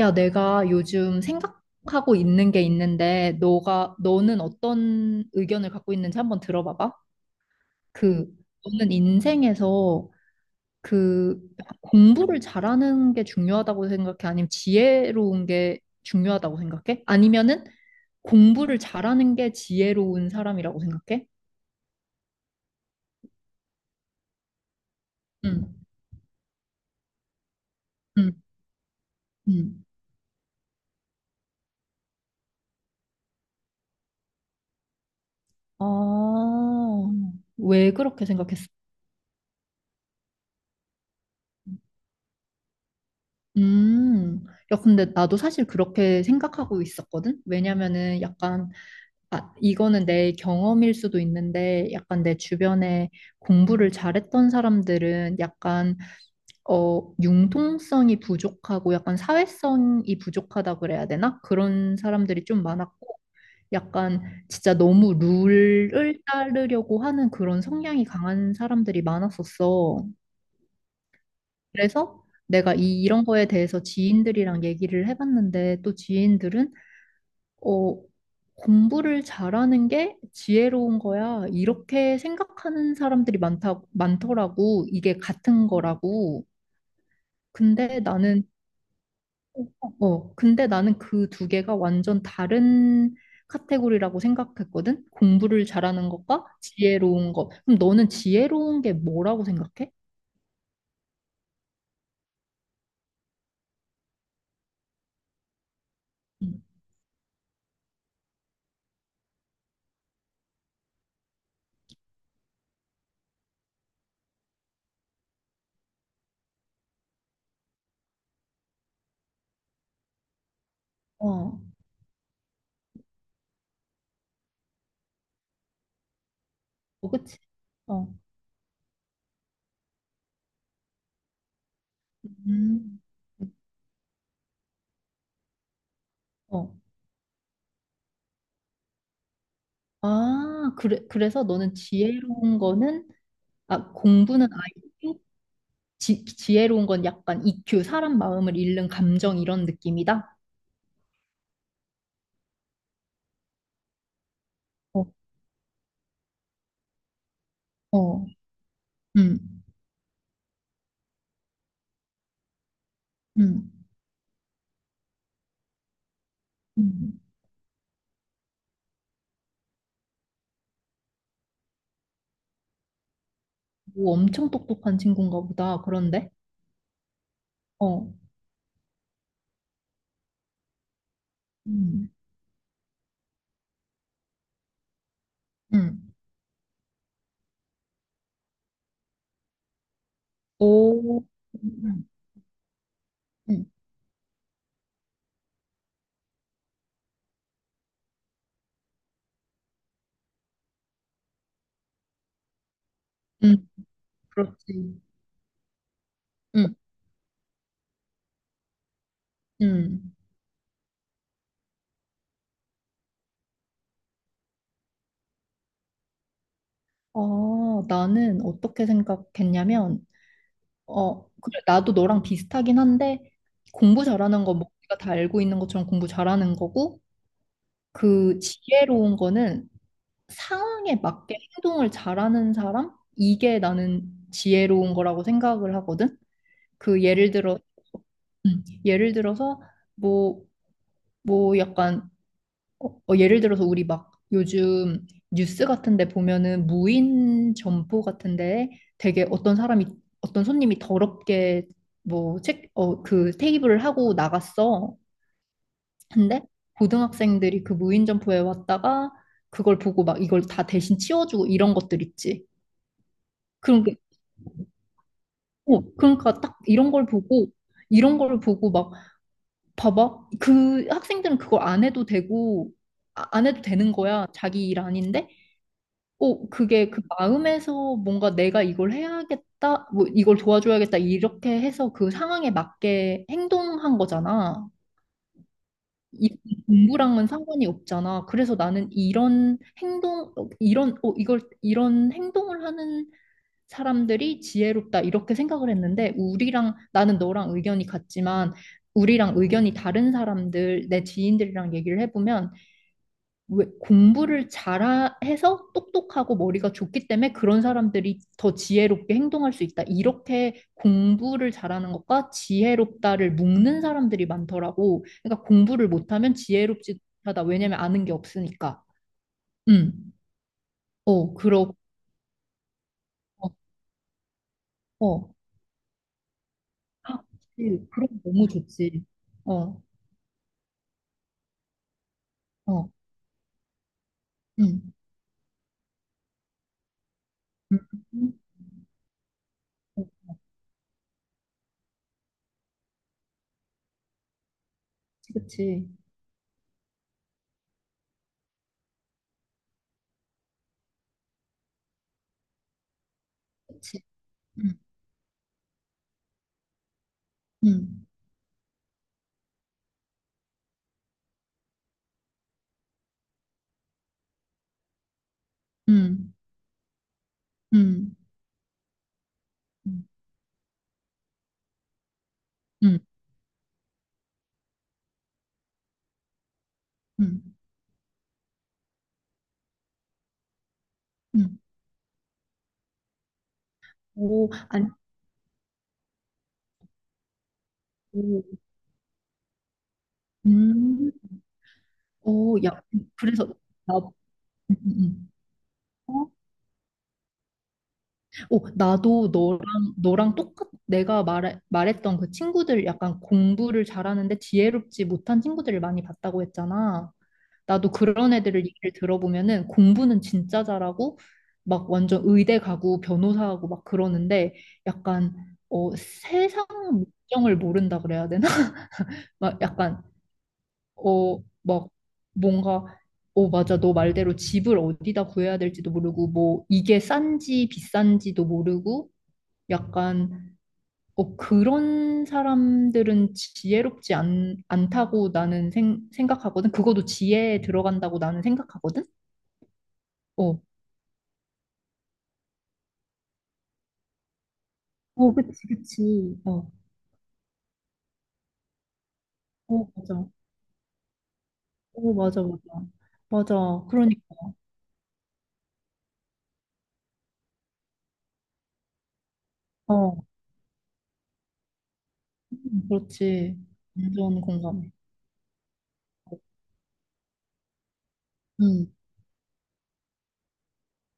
야, 내가 요즘 생각하고 있는 게 있는데, 너는 어떤 의견을 갖고 있는지 한번 들어봐봐. 그, 너는 인생에서 그 공부를 잘하는 게 중요하다고 생각해? 아니면 지혜로운 게 중요하다고 생각해? 아니면은 공부를 잘하는 게 지혜로운 사람이라고 생각해? 응, 응, 응. 아, 왜 그렇게 생각했어? 음, 야, 근데 나도 사실 그렇게 생각하고 있었거든? 왜냐면은 약간, 아, 이거는 내 경험일 수도 있는데, 약간 내 주변에 공부를 잘했던 사람들은 약간, 융통성이 부족하고 약간 사회성이 부족하다 그래야 되나? 그런 사람들이 좀 많았고, 약간 진짜 너무 룰을 따르려고 하는 그런 성향이 강한 사람들이 많았었어. 그래서 내가 이런 거에 대해서 지인들이랑 얘기를 해봤는데 또 지인들은 어, 공부를 잘하는 게 지혜로운 거야. 이렇게 생각하는 사람들이 많다, 많더라고. 이게 같은 거라고. 근데 나는, 근데 나는 그 두 개가 완전 다른 카테고리라고 생각했거든. 공부를 잘하는 것과 지혜로운 것. 그럼 너는 지혜로운 게 뭐라고 생각해? 음. 어, 어, 그치? 어. 음. 어. 아, 그래, 그래서 너는 지혜로운 거는, 아, 공부는 아이큐 지혜로운 건 약간 EQ, 사람 마음을 읽는 감정 이런 느낌이다? 어, 어, 음, 음, 음. 오, 엄청 똑똑한 친구인가 보다, 그런데? 어, 음, 음. 오, 음, 음, 음, 그렇지. 음, 음. 아, 나는 어떻게 생각했냐면, 그래, 나도 너랑 비슷하긴 한데, 공부 잘하는 건 뭐, 우리가 다 알고 있는 것처럼 공부 잘하는 거고, 그 지혜로운 거는 상황에 맞게 행동을 잘하는 사람? 이게 나는 지혜로운 거라고 생각을 하거든? 그 예를 들어, 예를 들어서, 뭐, 뭐 약간 예를 들어서 우리 막 요즘 뉴스 같은데 보면은 무인 점포 같은데 되게 어떤 사람이 어떤 손님이 더럽게 뭐 그 테이블을 하고 나갔어. 근데 고등학생들이 그 무인 점포에 왔다가 그걸 보고 막 이걸 다 대신 치워주고 이런 것들 있지. 그러니까, 그러니까 딱 이런 걸 보고 이런 걸 보고 막 봐봐. 그 학생들은 그걸 안 해도 되고 안 해도 되는 거야. 자기 일 아닌데. 그게 그 마음에서 뭔가 내가 이걸 해야겠다, 뭐 이걸 도와줘야겠다, 이렇게 해서 그 상황에 맞게 행동한 거잖아. 이 공부랑은 상관이 없잖아. 그래서 나는 이런 행동, 어, 이런, 어, 이걸, 이런 행동을 하는 사람들이 지혜롭다, 이렇게 생각을 했는데, 나는 너랑 의견이 같지만, 우리랑 의견이 다른 사람들, 내 지인들이랑 얘기를 해보면, 왜 공부를 잘해서 똑똑하고 머리가 좋기 때문에 그런 사람들이 더 지혜롭게 행동할 수 있다. 이렇게 공부를 잘하는 것과 지혜롭다를 묶는 사람들이 많더라고. 그러니까 공부를 못하면 지혜롭지 하다. 왜냐면 아는 게 없으니까. 음. 어, 그러 어, 어. 아, 그치. 그럼 너무 좋지. 어, 어. 음. 음. 음. 어, 그치, 그치. 그치. 음. 음. 음. 음. 음. 음. 음. 오, 아니, 오, 음, 오, 야, 그래서, 나, 음, 음. 음. 어? 오, 나도 너랑 내가 말했던 그 친구들 약간 공부를 잘하는데 지혜롭지 못한 친구들을 많이 봤다고 했잖아. 나도 그런 애들을 얘기를 들어보면은 공부는 진짜 잘하고, 막 완전 의대 가고 변호사하고 막 그러는데 약간, 세상 물정을 모른다 그래야 되나? 막 약간 막 뭔가 맞아. 너 말대로 집을 어디다 구해야 될지도 모르고 뭐 이게 싼지 비싼지도 모르고 약간 그런 사람들은 지혜롭지 않다고 나는 생각하거든. 그것도 지혜에 들어간다고 나는 생각하거든. 어. 어, 그치, 그치. 어. 어, 맞아. 어, 맞아, 맞아. 맞아. 그러니까. 어. 그렇지. 완전 공감해. 응.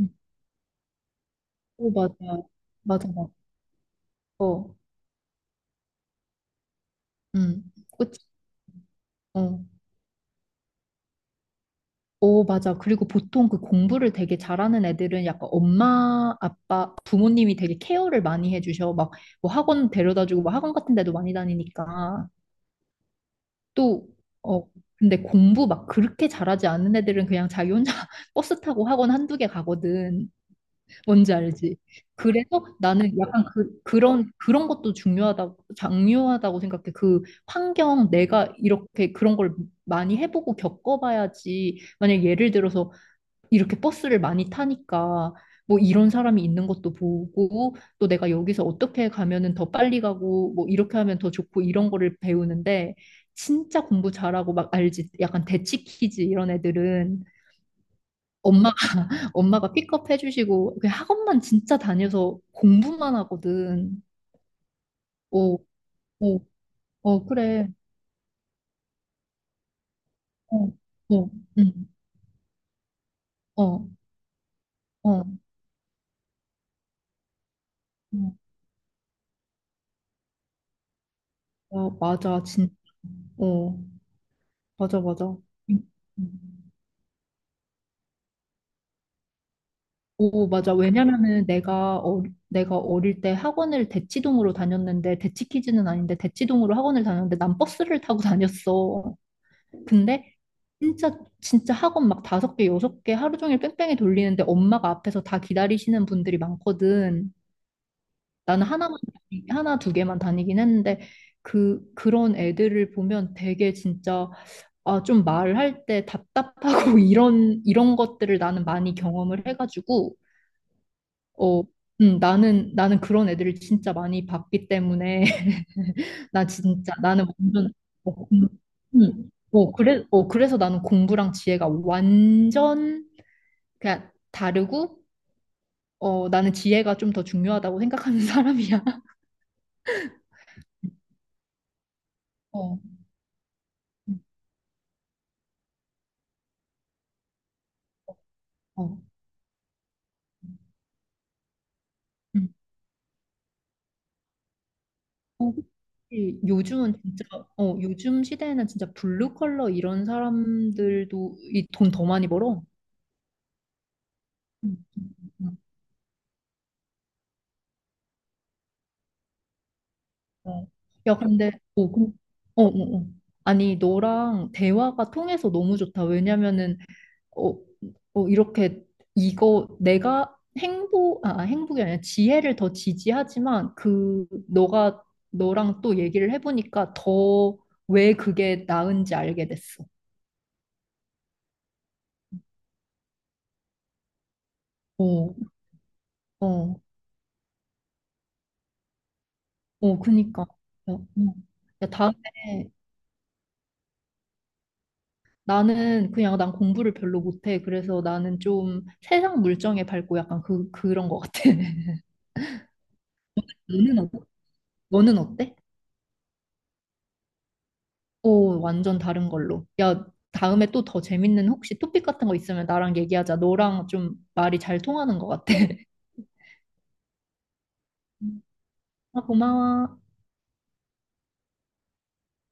응. 어, 맞아. 맞아, 맞아. 어. 음, 그치. 어. 어, 맞아. 그리고 보통 그 공부를 되게 잘하는 애들은 약간 엄마, 아빠, 부모님이 되게 케어를 많이 해주셔. 막, 뭐 학원 데려다주고, 뭐 학원 같은 데도 많이 다니니까. 또, 어, 근데 공부 막 그렇게 잘하지 않는 애들은 그냥 자기 혼자 버스 타고 학원 한두 개 가거든. 뭔지 알지? 그래서 나는 약간 그런 것도 중요하다고 생각해. 그 환경, 내가 이렇게 그런 걸 많이 해보고 겪어봐야지. 만약 예를 들어서 이렇게 버스를 많이 타니까 뭐 이런 사람이 있는 것도 보고 또 내가 여기서 어떻게 가면은 더 빨리 가고 뭐 이렇게 하면 더 좋고 이런 거를 배우는데 진짜 공부 잘하고 막 알지? 약간 대치 키즈 이런 애들은 엄마가 엄마가 픽업해 주시고 그냥 학원만 진짜 다녀서 공부만 하거든. 어, 어, 어, 그래. 어, 어, 응, 어, 어, 어, 어, 맞아, 어, 맞아, 맞아. 응, 응. 오, 맞아. 왜냐면은 내가 어릴 때 학원을 대치동으로 다녔는데 대치키즈는 아닌데 대치동으로 학원을 다녔는데 난 버스를 타고 다녔어. 근데 진짜 진짜 학원 막 5개, 6개 하루 종일 뺑뺑이 돌리는데 엄마가 앞에서 다 기다리시는 분들이 많거든. 나는 하나 두 개만 다니긴 했는데 그런 애들을 보면 되게 진짜 아, 좀 말할 때 답답하고 이런 것들을 나는 많이 경험을 해가지고 어, 나는 그런 애들을 진짜 많이 봤기 때문에 나 진짜 나는 완전 어, 공- 어, 그래 어 그래서 나는 공부랑 지혜가 완전 그냥 다르고 어 나는 지혜가 좀 더 중요하다고 생각하는 사람이야. 어. 음, 어. 음. 어, 그치. 요즘은 진짜 어 요즘 시대에는 진짜 블루 컬러 이런 사람들도 이 돈 더 많이 벌어. 음, 음, 음, 어. 야 근데 어, 그- 어, 어, 어. 아니 너랑 대화가 통해서 너무 좋다. 왜냐면은 어, 이렇게 이거 내가 행복, 아, 행복이 아니라 지혜를 더 지지하지만 그 너가 너랑 또 얘기를 해보니까 더 왜 그게 나은지 알게 됐어. 어, 어, 어, 그니까. 어. 어. 야, 다음에 나는 그냥 난 공부를 별로 못해. 그래서 나는 좀 세상 물정에 밟고 약간 그런 것 같아. 너는, 어- 너는 어때? 오, 완전 다른 걸로. 야, 다음에 또 더 재밌는 혹시 토픽 같은 거 있으면 나랑 얘기하자. 너랑 좀 말이 잘 통하는 것 같아. 아, 고마워.